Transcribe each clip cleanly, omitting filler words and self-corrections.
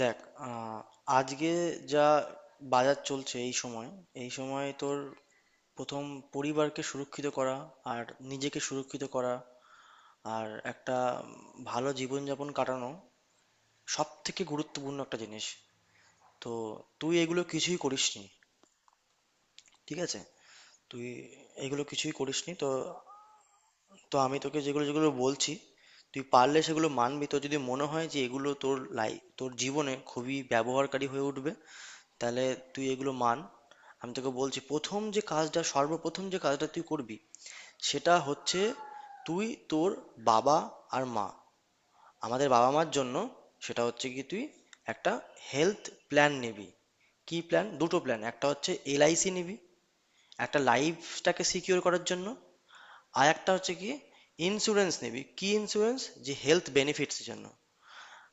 দেখ, আহ, আজকে যা বাজার চলছে, এই সময় তোর প্রথম পরিবারকে সুরক্ষিত করা, আর নিজেকে সুরক্ষিত করা, আর একটা ভালো জীবনযাপন কাটানো সব থেকে গুরুত্বপূর্ণ একটা জিনিস। তো তুই এগুলো কিছুই করিসনি। ঠিক আছে, তুই এগুলো কিছুই করিসনি তো। তো আমি তোকে যেগুলো যেগুলো বলছি, তুই পারলে সেগুলো মানবি। তো যদি মনে হয় যে এগুলো তোর লাই তোর জীবনে খুবই ব্যবহারকারী হয়ে উঠবে, তাহলে তুই এগুলো মান। আমি তোকে বলছি, প্রথম যে কাজটা সর্বপ্রথম যে কাজটা তুই করবি, সেটা হচ্ছে তুই তোর বাবা আর মা, আমাদের বাবা মার জন্য, সেটা হচ্ছে কি তুই একটা হেলথ প্ল্যান নিবি। কি প্ল্যান? দুটো প্ল্যান। একটা হচ্ছে এলআইসি নিবি, একটা লাইফটাকে সিকিউর করার জন্য। আর একটা হচ্ছে কি, ইন্স্যুরেন্স নিবি। কি ইন্স্যুরেন্স? যে হেলথ বেনিফিটসের জন্য।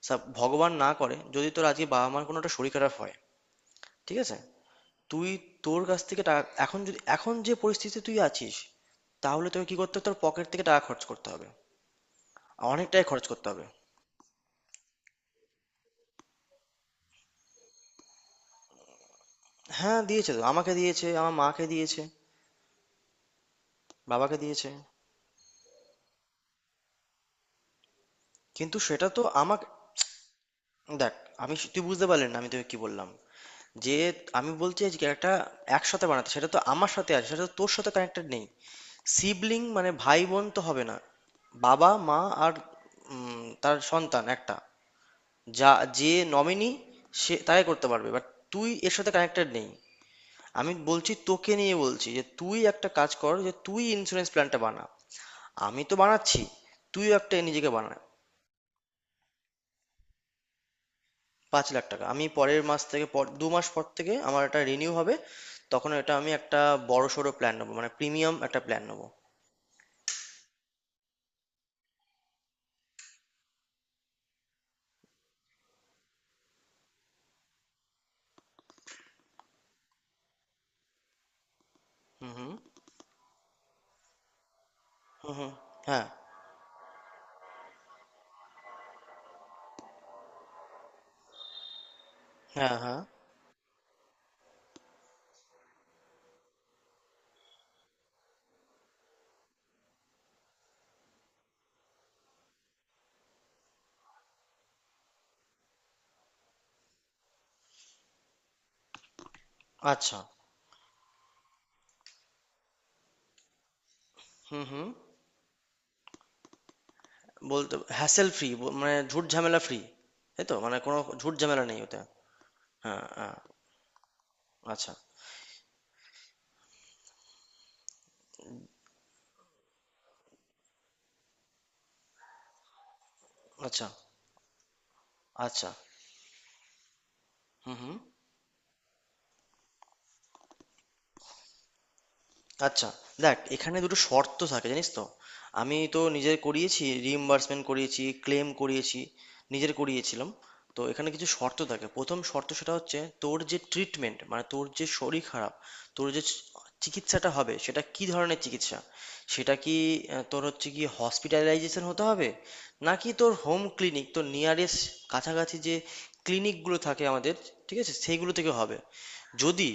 সব ভগবান না করে, যদি তোর আজকে বাবা মার কোনো একটা শরীর খারাপ হয়, ঠিক আছে, তুই তোর কাছ থেকে টাকা, এখন যে পরিস্থিতিতে তুই আছিস, তাহলে তোকে কি করতে হবে? তোর পকেট থেকে টাকা খরচ করতে হবে, অনেকটাই খরচ করতে হবে। হ্যাঁ, দিয়েছে তো, আমাকে দিয়েছে, আমার মাকে দিয়েছে, বাবাকে দিয়েছে। কিন্তু সেটা তো আমাকে। দেখ, তুই বুঝতে পারলি না আমি তোকে কি বললাম। যে আমি বলছি যে একটা একসাথে বানাতে, সেটা তো আমার সাথে আছে, সেটা তো তোর সাথে কানেক্টেড নেই। সিবলিং মানে ভাই বোন তো হবে না, বাবা মা আর তার সন্তান একটা, যা, যে নমিনি, সে তাই করতে পারবে। বাট তুই এর সাথে কানেক্টেড নেই। আমি বলছি তোকে নিয়ে বলছি, যে তুই একটা কাজ কর, যে তুই ইন্স্যুরেন্স প্ল্যানটা বানা। আমি তো বানাচ্ছি, তুই একটা নিজেকে বানা। ৳৫,০০,০০০। আমি পরের মাস থেকে, পর ২ মাস পর থেকে আমার এটা রিনিউ হবে। তখন এটা আমি একটা বড় সড়ো প্ল্যান নেবো, মানে প্রিমিয়াম একটা প্ল্যান নেবো। হুম হুম। হুম হুম। হ্যাঁ হ্যাঁ। হ্যাঁ। আচ্ছা। হুম হুম। বলতে হ্যাসেল ফ্রি, মানে ঝুট ঝামেলা ফ্রি, তাই তো, মানে কোনো ঝুট ঝামেলা নেই ওতে। হ্যাঁ হ্যাঁ। আচ্ছা আচ্ছা আচ্ছা। হুম হুম। আচ্ছা। দেখ, এখানে দুটো শর্ত থাকে জানিস তো। আমি তো নিজের করিয়েছি, রিইম্বার্সমেন্ট করিয়েছি, ক্লেম করিয়েছি, নিজের করিয়েছিলাম। তো এখানে কিছু শর্ত থাকে। প্রথম শর্ত, সেটা হচ্ছে তোর যে ট্রিটমেন্ট, মানে তোর যে শরীর খারাপ, তোর যে চিকিৎসাটা হবে, সেটা কি ধরনের চিকিৎসা, সেটা কি, তোর হচ্ছে কি হসপিটালাইজেশন হতে হবে, নাকি তোর হোম ক্লিনিক, তোর নিয়ারেস্ট, কাছাকাছি যে ক্লিনিকগুলো থাকে আমাদের, ঠিক আছে, সেইগুলো থেকে হবে। যদি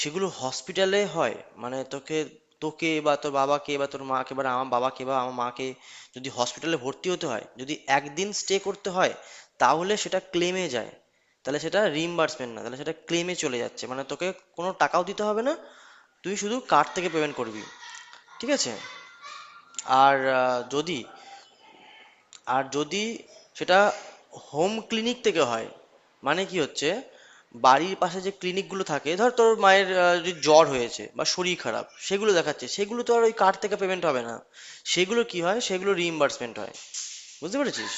সেগুলো হসপিটালে হয়, মানে তোকে, তোকে বা তোর বাবাকে বা তোর মাকে বা আমার বাবাকে বা আমার মাকে যদি হসপিটালে ভর্তি হতে হয়, যদি একদিন স্টে করতে হয়, তাহলে সেটা ক্লেমে যায়। তাহলে সেটা রিইম্বার্সমেন্ট না, তাহলে সেটা ক্লেমে চলে যাচ্ছে। মানে তোকে কোনো টাকাও দিতে হবে না, তুই শুধু কার্ড থেকে পেমেন্ট করবি। ঠিক আছে। আর আহ, যদি আর যদি সেটা হোম ক্লিনিক থেকে হয়, মানে কি হচ্ছে, বাড়ির পাশে যে ক্লিনিকগুলো থাকে, ধর তোর মায়ের যদি জ্বর হয়েছে বা শরীর খারাপ, সেগুলো দেখাচ্ছে, সেগুলো তো আর ওই কার্ড থেকে পেমেন্ট হবে না। সেগুলো কি হয়, সেগুলো রিইম্বার্সমেন্ট হয়। বুঝতে পেরেছিস।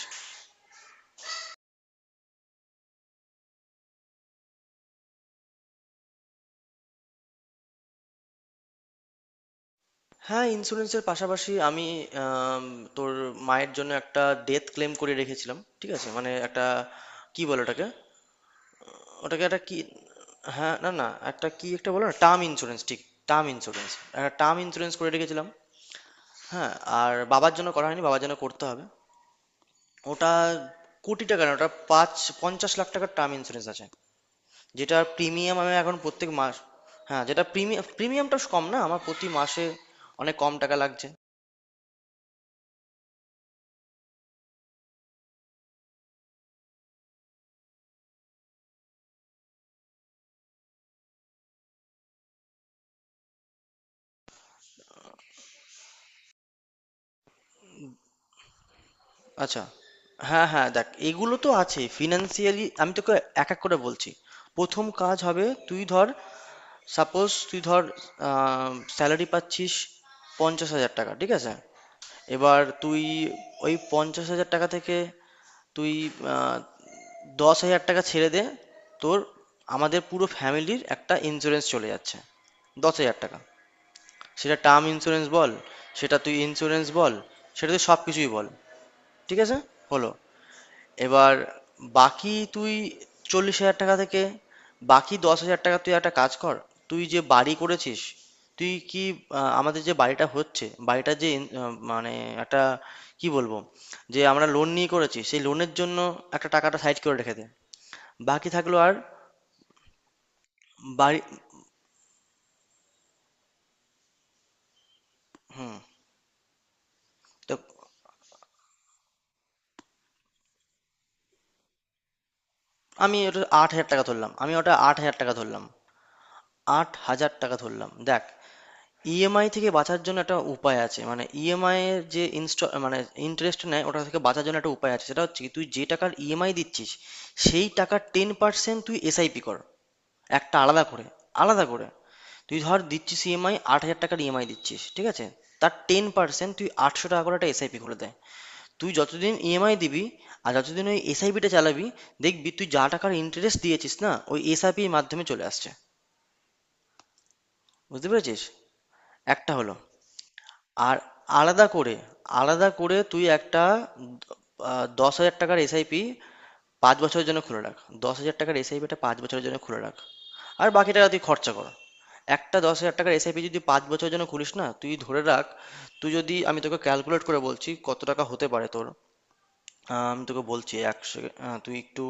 হ্যাঁ, ইন্স্যুরেন্সের পাশাপাশি আমি আম, তোর মায়ের জন্য একটা ডেথ ক্লেম করে রেখেছিলাম। ঠিক আছে, মানে একটা, কি বলে ওটাকে, ওটাকে একটা কি, হ্যাঁ না না, একটা কি, একটা বলো না, টার্ম ইন্স্যুরেন্স, ঠিক, টার্ম ইন্স্যুরেন্স, একটা টার্ম ইন্স্যুরেন্স করে রেখেছিলাম। হ্যাঁ। আর বাবার জন্য করা হয়নি, বাবার জন্য করতে হবে। ওটা কোটি টাকা না, ওটা পাঁচ, ৳৫০,০০,০০০ টার্ম ইন্স্যুরেন্স আছে। যেটা প্রিমিয়াম আমি এখন প্রত্যেক মাস, হ্যাঁ যেটা প্রিমিয়াম, প্রিমিয়ামটা কম না, আমার প্রতি মাসে অনেক কম টাকা লাগছে। আচ্ছা। হ্যাঁ হ্যাঁ, দেখ এগুলো তো আছে। ফিনান্সিয়ালি আমি তোকে এক এক করে বলছি। প্রথম কাজ হবে, তুই ধর, সাপোজ তুই ধর স্যালারি পাচ্ছিস ৳৫০,০০০, ঠিক আছে। এবার তুই ওই ৳৫০,০০০ থেকে তুই আহ, ৳১০,০০০ ছেড়ে দে, তোর, আমাদের পুরো ফ্যামিলির একটা ইন্স্যুরেন্স চলে যাচ্ছে, ৳১০,০০০। সেটা টার্ম ইন্স্যুরেন্স বল, সেটা তুই ইন্স্যুরেন্স বল, সেটা তুই সব কিছুই বল, ঠিক আছে, হলো। এবার বাকি তুই ৳৪০,০০০ থেকে, বাকি ৳১০,০০০ তুই একটা কাজ কর। তুই যে বাড়ি করেছিস, তুই কি, আমাদের যে বাড়িটা হচ্ছে, বাড়িটা যে মানে একটা, কি বলবো, যে আমরা লোন নিয়ে করেছি, সেই লোনের জন্য একটা টাকাটা সাইড করে রেখে দে। বাকি থাকলো আর বাড়ি। তো আমি ওটা আট হাজার টাকা ধরলাম, ৳৮,০০০ ধরলাম। দেখ, ইএমআই থেকে বাঁচার জন্য একটা উপায় আছে, মানে ইএমআই এর যে ইনস্টল, মানে ইন্টারেস্ট নেয়, ওটা থেকে বাঁচার জন্য একটা উপায় আছে। সেটা হচ্ছে কি, তুই যে টাকার ইএমআই দিচ্ছিস, সেই টাকার ১০% তুই এসআইপি কর, একটা আলাদা করে। আলাদা করে তুই ধর দিচ্ছিস ইএমআই, ৳৮,০০০ ইএমআই দিচ্ছিস, ঠিক আছে, তার ১০% তুই ৳৮০০ করে একটা এসআইপি খুলে দেয়। তুই যতদিন ইএমআই দিবি আর যতদিন ওই এসআইপিটা চালাবি, দেখবি তুই যা টাকার ইন্টারেস্ট দিয়েছিস না, ওই এসআইপির মাধ্যমে চলে আসছে। বুঝতে পেরেছিস। একটা হলো। আর আলাদা করে, তুই একটা ৳১০,০০০ এসআইপি ৫ বছরের জন্য খুলে রাখ। ৳১০,০০০ এসআইপিটা ৫ বছরের জন্য খুলে রাখ, আর বাকি টাকা তুই খরচা কর। একটা ৳১০,০০০ এসআইপি যদি ৫ বছরের জন্য খুলিস না, তুই ধরে রাখ, তুই যদি আমি তোকে ক্যালকুলেট করে বলছি কত টাকা হতে পারে তোর। আমি তোকে বলছি, এক সেকেন্ড, তুই একটু,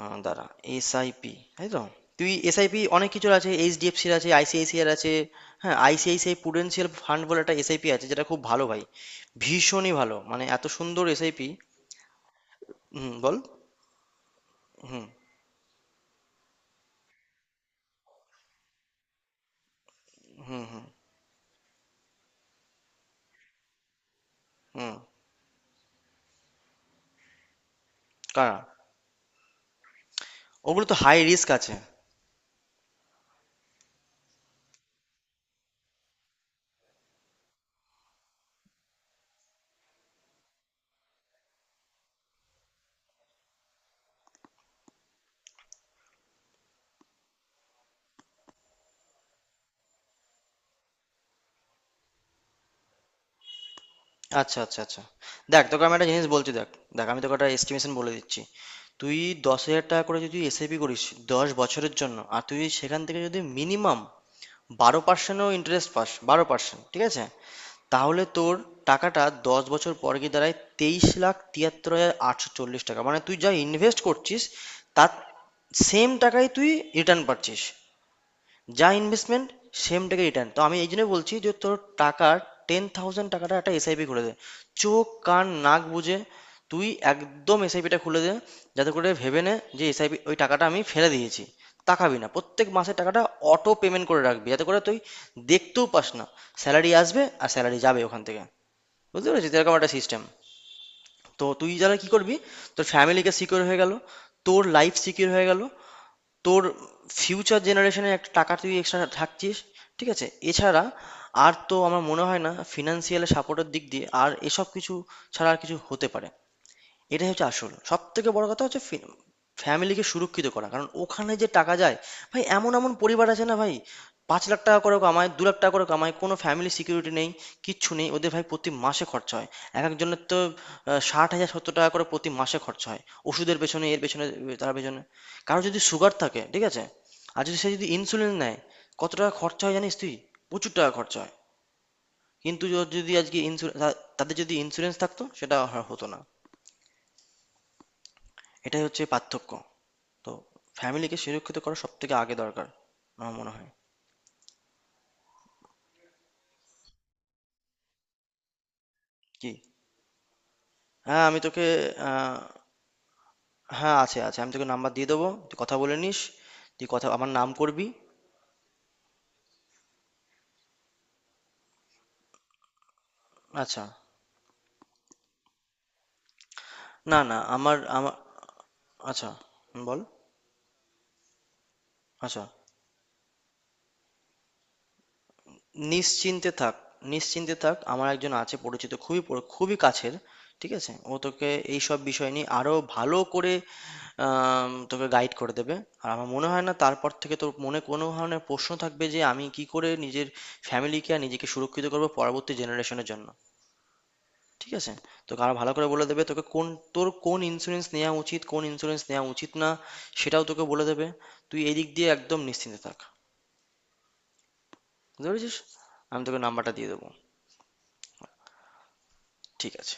দাঁড়া। এসআইপি তাই তো, তুই এসআইপি অনেক কিছুর আছে, এইচডিএফসির আছে, আইসিআইসিআর আছে। হ্যাঁ, আইসিআইসিআই প্রুডেন্সিয়াল ফান্ড বলে একটা এসআইপি আছে, যেটা খুব ভালো ভাই, ভীষণই ভালো, মানে এত সুন্দর এসআইপি। হুম, বল। হুম হুম। হুম হুম। কারা? ওগুলো তো হাই রিস্ক আছে। আচ্ছা আচ্ছা আচ্ছা। দেখ, তোকে আমি একটা জিনিস বলছি, দেখ, দেখ আমি তোকে একটা এস্টিমেশন বলে দিচ্ছি। তুই ৳১০,০০০ করে যদি এসআইপি করিস ১০ বছরের জন্য, আর তুই সেখান থেকে যদি মিনিমাম ১২%ও ইন্টারেস্ট পাস, ১২%, ঠিক আছে, তাহলে তোর টাকাটা ১০ বছর পর গিয়ে দাঁড়ায় ৳২৩,৭৩,৮৪০। মানে তুই যা ইনভেস্ট করছিস, তার সেম টাকাই তুই রিটার্ন পাচ্ছিস। যা ইনভেস্টমেন্ট, সেম টাকা রিটার্ন। তো আমি এই জন্য বলছি যে তোর টাকার ১০,০০০ টাকাটা একটা এসআইপি খুলে দে। চোখ কান নাক বুঝে তুই একদম এসআইপিটা খুলে দে, যাতে করে ভেবে নে যে এসআইপি ওই টাকাটা আমি ফেলে দিয়েছি। তাকাবি না প্রত্যেক মাসে টাকাটা, অটো পেমেন্ট করে রাখবি, যাতে করে তুই দেখতেও পাস না। স্যালারি আসবে আর স্যালারি যাবে ওখান থেকে। বুঝতে পেরেছিস, এরকম একটা সিস্টেম। তো তুই যারা কি করবি, তোর ফ্যামিলিকে সিকিউর হয়ে গেল, তোর লাইফ সিকিউর হয়ে গেল, তোর ফিউচার জেনারেশনে একটা টাকা তুই এক্সট্রা থাকছিস। ঠিক আছে, এছাড়া আর তো আমার মনে হয় না ফিনান্সিয়াল সাপোর্টের দিক দিয়ে আর এসব কিছু ছাড়া আর কিছু হতে পারে। এটাই হচ্ছে আসল। সবথেকে বড় কথা হচ্ছে ফ্যামিলিকে সুরক্ষিত করা। কারণ ওখানে যে টাকা যায়, ভাই এমন, পরিবার আছে না ভাই, ৳৫,০০,০০০ করে কামায়, ৳২,০০,০০০ করে কামায়, কোনো ফ্যামিলি সিকিউরিটি নেই, কিচ্ছু নেই। ওদের ভাই প্রতি মাসে খরচা হয়, একেকজনের তো ৳৬০,০০০-৳৭০,০০০ করে প্রতি মাসে খরচা হয়। ওষুধের পেছনে, এর পেছনে, তার পেছনে। কারো যদি সুগার থাকে, ঠিক আছে? আর যদি সে যদি ইনসুলিন নেয়, কত টাকা খরচা হয় জানিস তুই? প্রচুর টাকা খরচা হয়। কিন্তু ওর যদি আজকে ইনসু তা তাদের যদি ইন্সুরেন্স থাকতো, সেটা হতো না। এটাই হচ্ছে পার্থক্য। তো ফ্যামিলিকে সুরক্ষিত করা সবথেকে আগে দরকার আমার মনে হয়। কি? হ্যাঁ, আমি তোকে, আ হ্যাঁ, আছে, আছে। আমি তোকে নাম্বার দিয়ে দেবো, তুই কথা বলে নিস। তুই কথা আমার নাম করবি। আচ্ছা। না, না, আমার আমা আচ্ছা, হুম, বল। আচ্ছা। নিশ্চিন্তে থাক, নিশ্চিন্তে থাক। আমার একজন আছে পরিচিত, খুবই খুবই কাছের, ঠিক আছে। ও তোকে এইসব বিষয় নিয়ে আরো ভালো করে, তোকে গাইড করে দেবে। আর আমার মনে হয় না তারপর থেকে তোর মনে কোনো ধরনের প্রশ্ন থাকবে, যে আমি কি করে নিজের ফ্যামিলিকে আর নিজেকে সুরক্ষিত করবো পরবর্তী জেনারেশনের জন্য। ঠিক আছে, তোকে আরো ভালো করে বলে দেবে, তোকে কোন, তোর কোন ইন্স্যুরেন্স নেওয়া উচিত, কোন ইন্স্যুরেন্স নেওয়া উচিত না, সেটাও তোকে বলে দেবে। তুই এই দিক দিয়ে একদম নিশ্চিন্তে থাক। বুঝতে পেরেছিস, আমি তোকে নাম্বারটা দিয়ে দেবো। ঠিক আছে।